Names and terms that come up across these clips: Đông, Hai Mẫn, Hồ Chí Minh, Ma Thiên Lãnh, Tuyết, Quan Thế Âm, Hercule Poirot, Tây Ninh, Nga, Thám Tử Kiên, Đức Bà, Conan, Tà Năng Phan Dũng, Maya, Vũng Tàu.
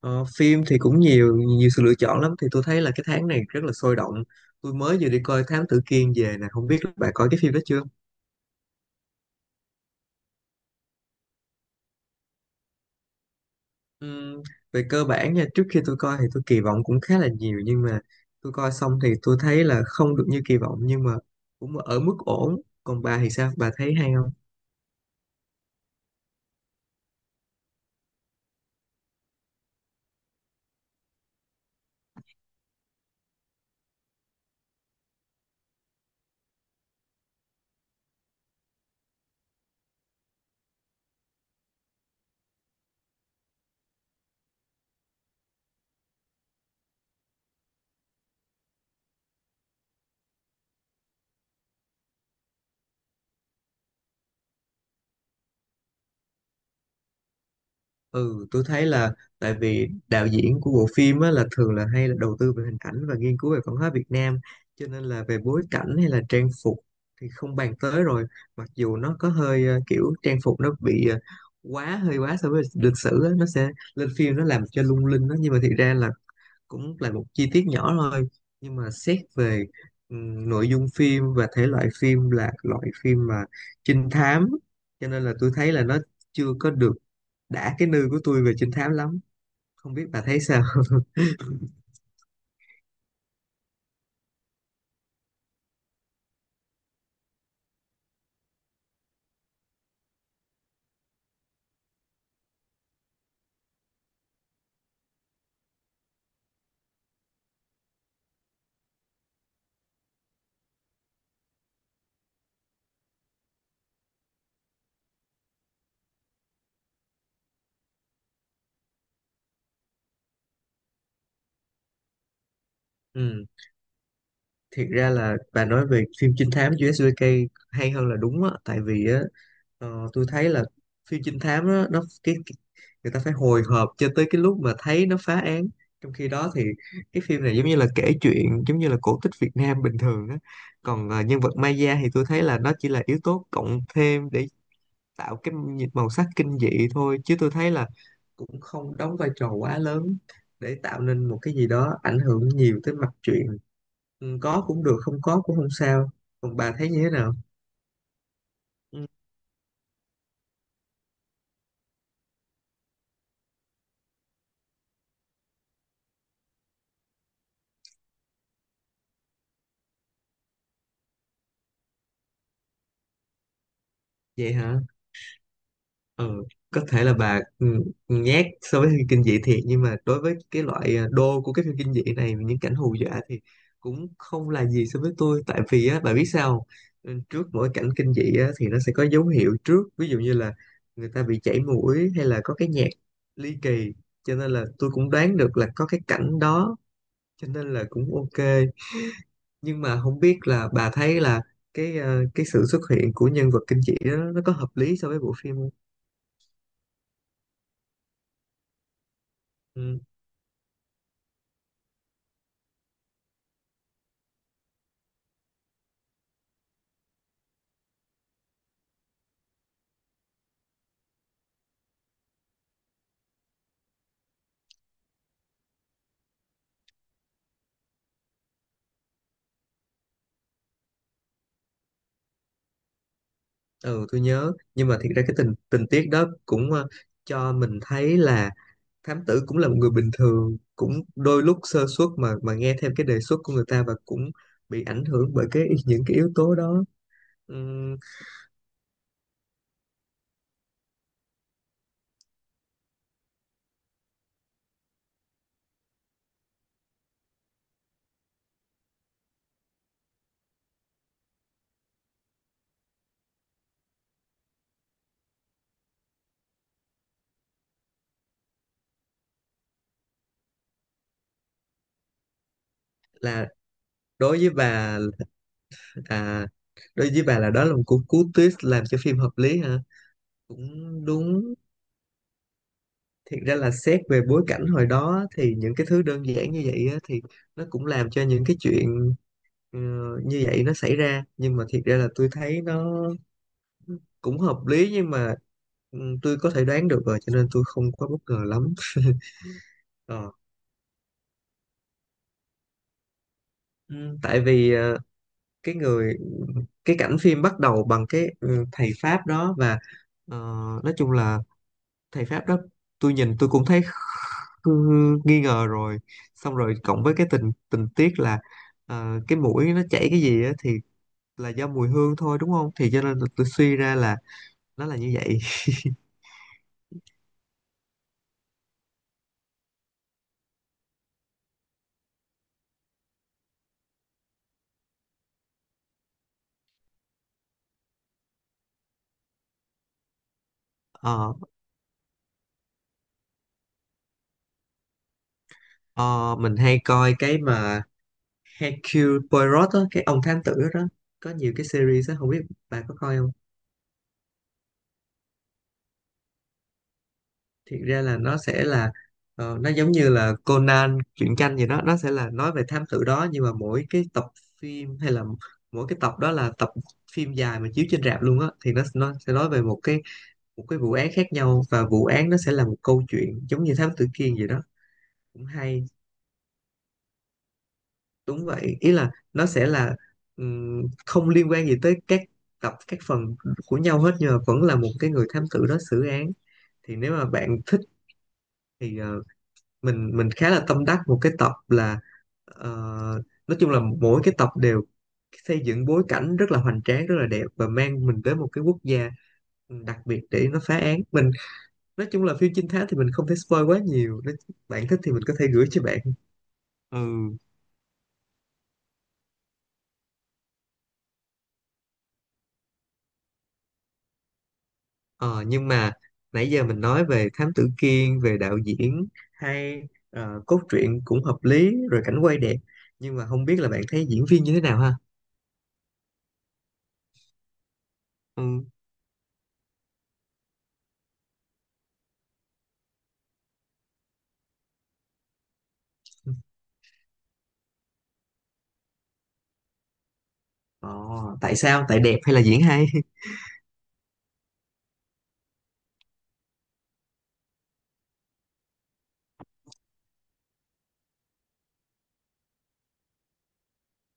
Ờ, phim thì cũng nhiều nhiều sự lựa chọn lắm, thì tôi thấy là cái tháng này rất là sôi động. Tôi mới vừa đi coi Thám Tử Kiên về nè, không biết là bạn coi cái phim đó chưa. Ừm, Về cơ bản nha, trước khi tôi coi thì tôi kỳ vọng cũng khá là nhiều, nhưng mà tôi coi xong thì tôi thấy là không được như kỳ vọng, nhưng mà cũng ở mức ổn. Còn bà thì sao, bà thấy hay? Ừ, tôi thấy là tại vì đạo diễn của bộ phim á, là thường là hay là đầu tư về hình ảnh và nghiên cứu về văn hóa Việt Nam, cho nên là về bối cảnh hay là trang phục thì không bàn tới rồi. Mặc dù nó có hơi kiểu trang phục nó bị quá, hơi quá so với lịch sử á, nó sẽ lên phim nó làm cho lung linh đó, nhưng mà thiệt ra là cũng là một chi tiết nhỏ thôi. Nhưng mà xét về nội dung phim và thể loại phim, là loại phim mà trinh thám, cho nên là tôi thấy là nó chưa có được đã cái nư của tôi về trinh thám lắm. Không biết bà thấy sao? Ừ, thiệt ra là bà nói về phim trinh thám USJK hay hơn là đúng á, tại vì á, tôi thấy là phim trinh thám đó, nó cái người ta phải hồi hộp cho tới cái lúc mà thấy nó phá án. Trong khi đó thì cái phim này giống như là kể chuyện, giống như là cổ tích Việt Nam bình thường á. Còn nhân vật Maya thì tôi thấy là nó chỉ là yếu tố cộng thêm để tạo cái màu sắc kinh dị thôi, chứ tôi thấy là cũng không đóng vai trò quá lớn để tạo nên một cái gì đó ảnh hưởng nhiều tới mạch truyện. Ừ, có cũng được, không có cũng không sao. Còn bà thấy như thế nào? Ừ, vậy hả? Ừ, có thể là bà nhát so với phim kinh dị thiệt, nhưng mà đối với cái loại đô của cái phim kinh dị này, những cảnh hù dọa thì cũng không là gì so với tôi. Tại vì á, bà biết sao không? Ừ, trước mỗi cảnh kinh dị á thì nó sẽ có dấu hiệu trước, ví dụ như là người ta bị chảy mũi, hay là có cái nhạc ly kỳ, cho nên là tôi cũng đoán được là có cái cảnh đó, cho nên là cũng ok. Nhưng mà không biết là bà thấy là cái cái sự xuất hiện của nhân vật kinh dị đó, nó có hợp lý so với bộ phim không? Ừ. Ừ, tôi nhớ, nhưng mà thiệt ra cái tình tình tiết đó cũng cho mình thấy là thám tử cũng là một người bình thường, cũng đôi lúc sơ suất mà nghe theo cái đề xuất của người ta, và cũng bị ảnh hưởng bởi cái những cái yếu tố đó. Ừm, là đối với bà, à, đối với bà là đó là một cú cú twist làm cho phim hợp lý hả? Cũng đúng. Thiệt ra là xét về bối cảnh hồi đó, thì những cái thứ đơn giản như vậy á, thì nó cũng làm cho những cái chuyện Ờ, như vậy nó xảy ra. Nhưng mà thiệt ra là tôi thấy nó cũng hợp lý, nhưng mà ừ, tôi có thể đoán được rồi cho nên tôi không quá bất ngờ lắm. Ờ, ừ, tại vì cái người, cái cảnh phim bắt đầu bằng cái thầy Pháp đó, và ờ, nói chung là thầy Pháp đó tôi nhìn tôi cũng thấy ừ, nghi ngờ rồi. Xong rồi cộng với cái tình tình tiết là cái mũi nó chảy cái gì á, thì là do mùi hương thôi đúng không, thì cho nên là tôi suy ra là nó là như vậy. Ờ. Ờ, mình hay coi cái mà Hercule Poirot á, cái ông thám tử đó, đó có nhiều cái series á, không biết bạn có coi không? Thiệt ra là nó sẽ là nó giống như là Conan truyện tranh gì đó, nó sẽ là nói về thám tử đó, nhưng mà mỗi cái tập phim, hay là mỗi cái tập đó là tập phim dài mà chiếu trên rạp luôn á, thì nó sẽ nói về một cái vụ án khác nhau, và vụ án nó sẽ là một câu chuyện giống như thám tử Kiên gì đó. Cũng hay. Đúng vậy, ý là nó sẽ là không liên quan gì tới các tập, các phần của nhau hết, nhưng mà vẫn là một cái người thám tử đó xử án. Thì nếu mà bạn thích thì mình khá là tâm đắc một cái tập là, ờ, nói chung là mỗi cái tập đều xây dựng bối cảnh rất là hoành tráng, rất là đẹp, và mang mình tới một cái quốc gia đặc biệt để nó phá án. Mình nói chung là phim trinh thám thì mình không thể spoil quá nhiều, nếu bạn thích thì mình có thể gửi cho bạn. Ừ. Ờ, nhưng mà nãy giờ mình nói về Thám Tử Kiên, về đạo diễn hay cốt truyện cũng hợp lý rồi, cảnh quay đẹp, nhưng mà không biết là bạn thấy diễn viên như thế nào ha? Ừ. Ờ, tại sao? Tại đẹp hay là diễn hay?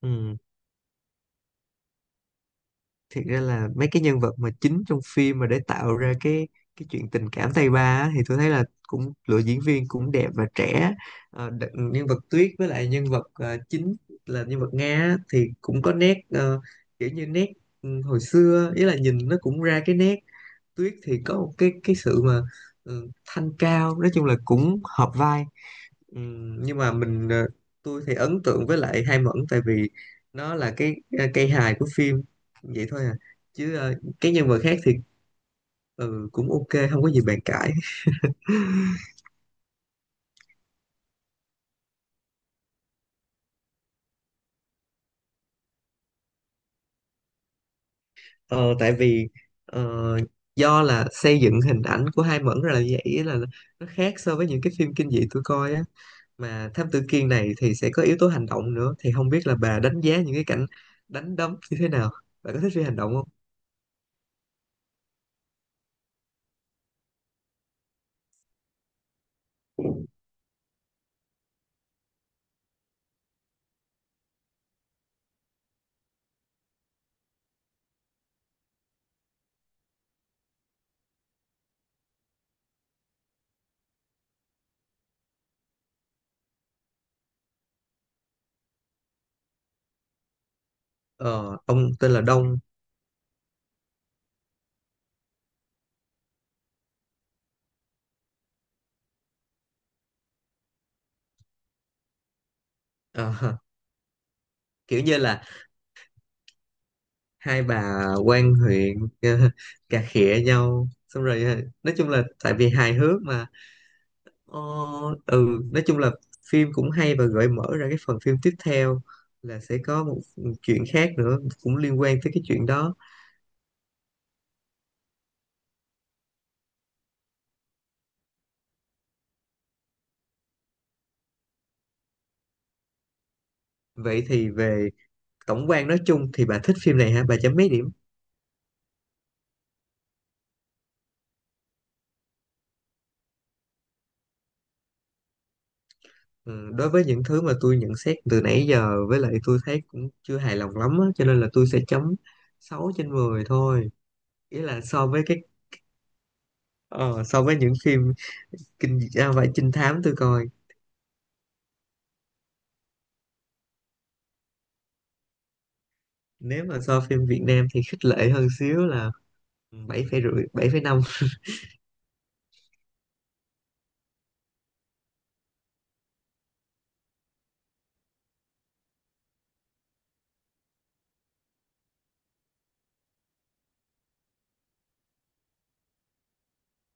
Ừ. Thiệt ra là mấy cái nhân vật mà chính trong phim, mà để tạo ra cái chuyện tình cảm tay ba á, thì tôi thấy là cũng lựa diễn viên cũng đẹp và trẻ. Ờ, nhân vật Tuyết với lại nhân vật chính là nhân vật Nga á, thì cũng có nét kiểu như nét, ừ, hồi xưa, ý là nhìn nó cũng ra cái nét. Tuyết thì có một cái sự mà, ừ, thanh cao, nói chung là cũng hợp vai. Nhưng mà tôi thì ấn tượng với lại Hai Mẫn, tại vì nó là cái, cây hài của phim vậy thôi à, chứ cái nhân vật khác thì ừ, cũng ok, không có gì bàn cãi. Ờ, tại vì ờ, do là xây dựng hình ảnh của Hai Mẫn ra là như vậy, ý là nó khác so với những cái phim kinh dị tôi coi á. Mà Thám Tử Kiên này thì sẽ có yếu tố hành động nữa, thì không biết là bà đánh giá những cái cảnh đánh đấm như thế nào? Bạn có thích phim hành động không? Ờ, ông tên là Đông. Ờ, kiểu như là hai bà quan huyện cà khịa nhau, xong rồi nói chung là tại vì hài hước mà. ờ, ừ, nói chung là phim cũng hay và gợi mở ra cái phần phim tiếp theo, là sẽ có một chuyện khác nữa cũng liên quan tới cái chuyện đó. Vậy thì về tổng quan nói chung thì bà thích phim này hả, bà chấm mấy điểm? Ừ, đối với những thứ mà tôi nhận xét từ nãy giờ, với lại tôi thấy cũng chưa hài lòng lắm á, cho nên là tôi sẽ chấm 6/10 thôi. Ý là so với cái ờ, so với những phim vậy trinh thám tôi coi. Nếu mà so phim Việt Nam thì khích lệ hơn xíu, là 7,5, 7,5.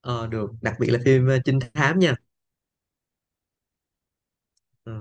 Ờ được, đặc biệt là phim trinh thám nha. Ờ.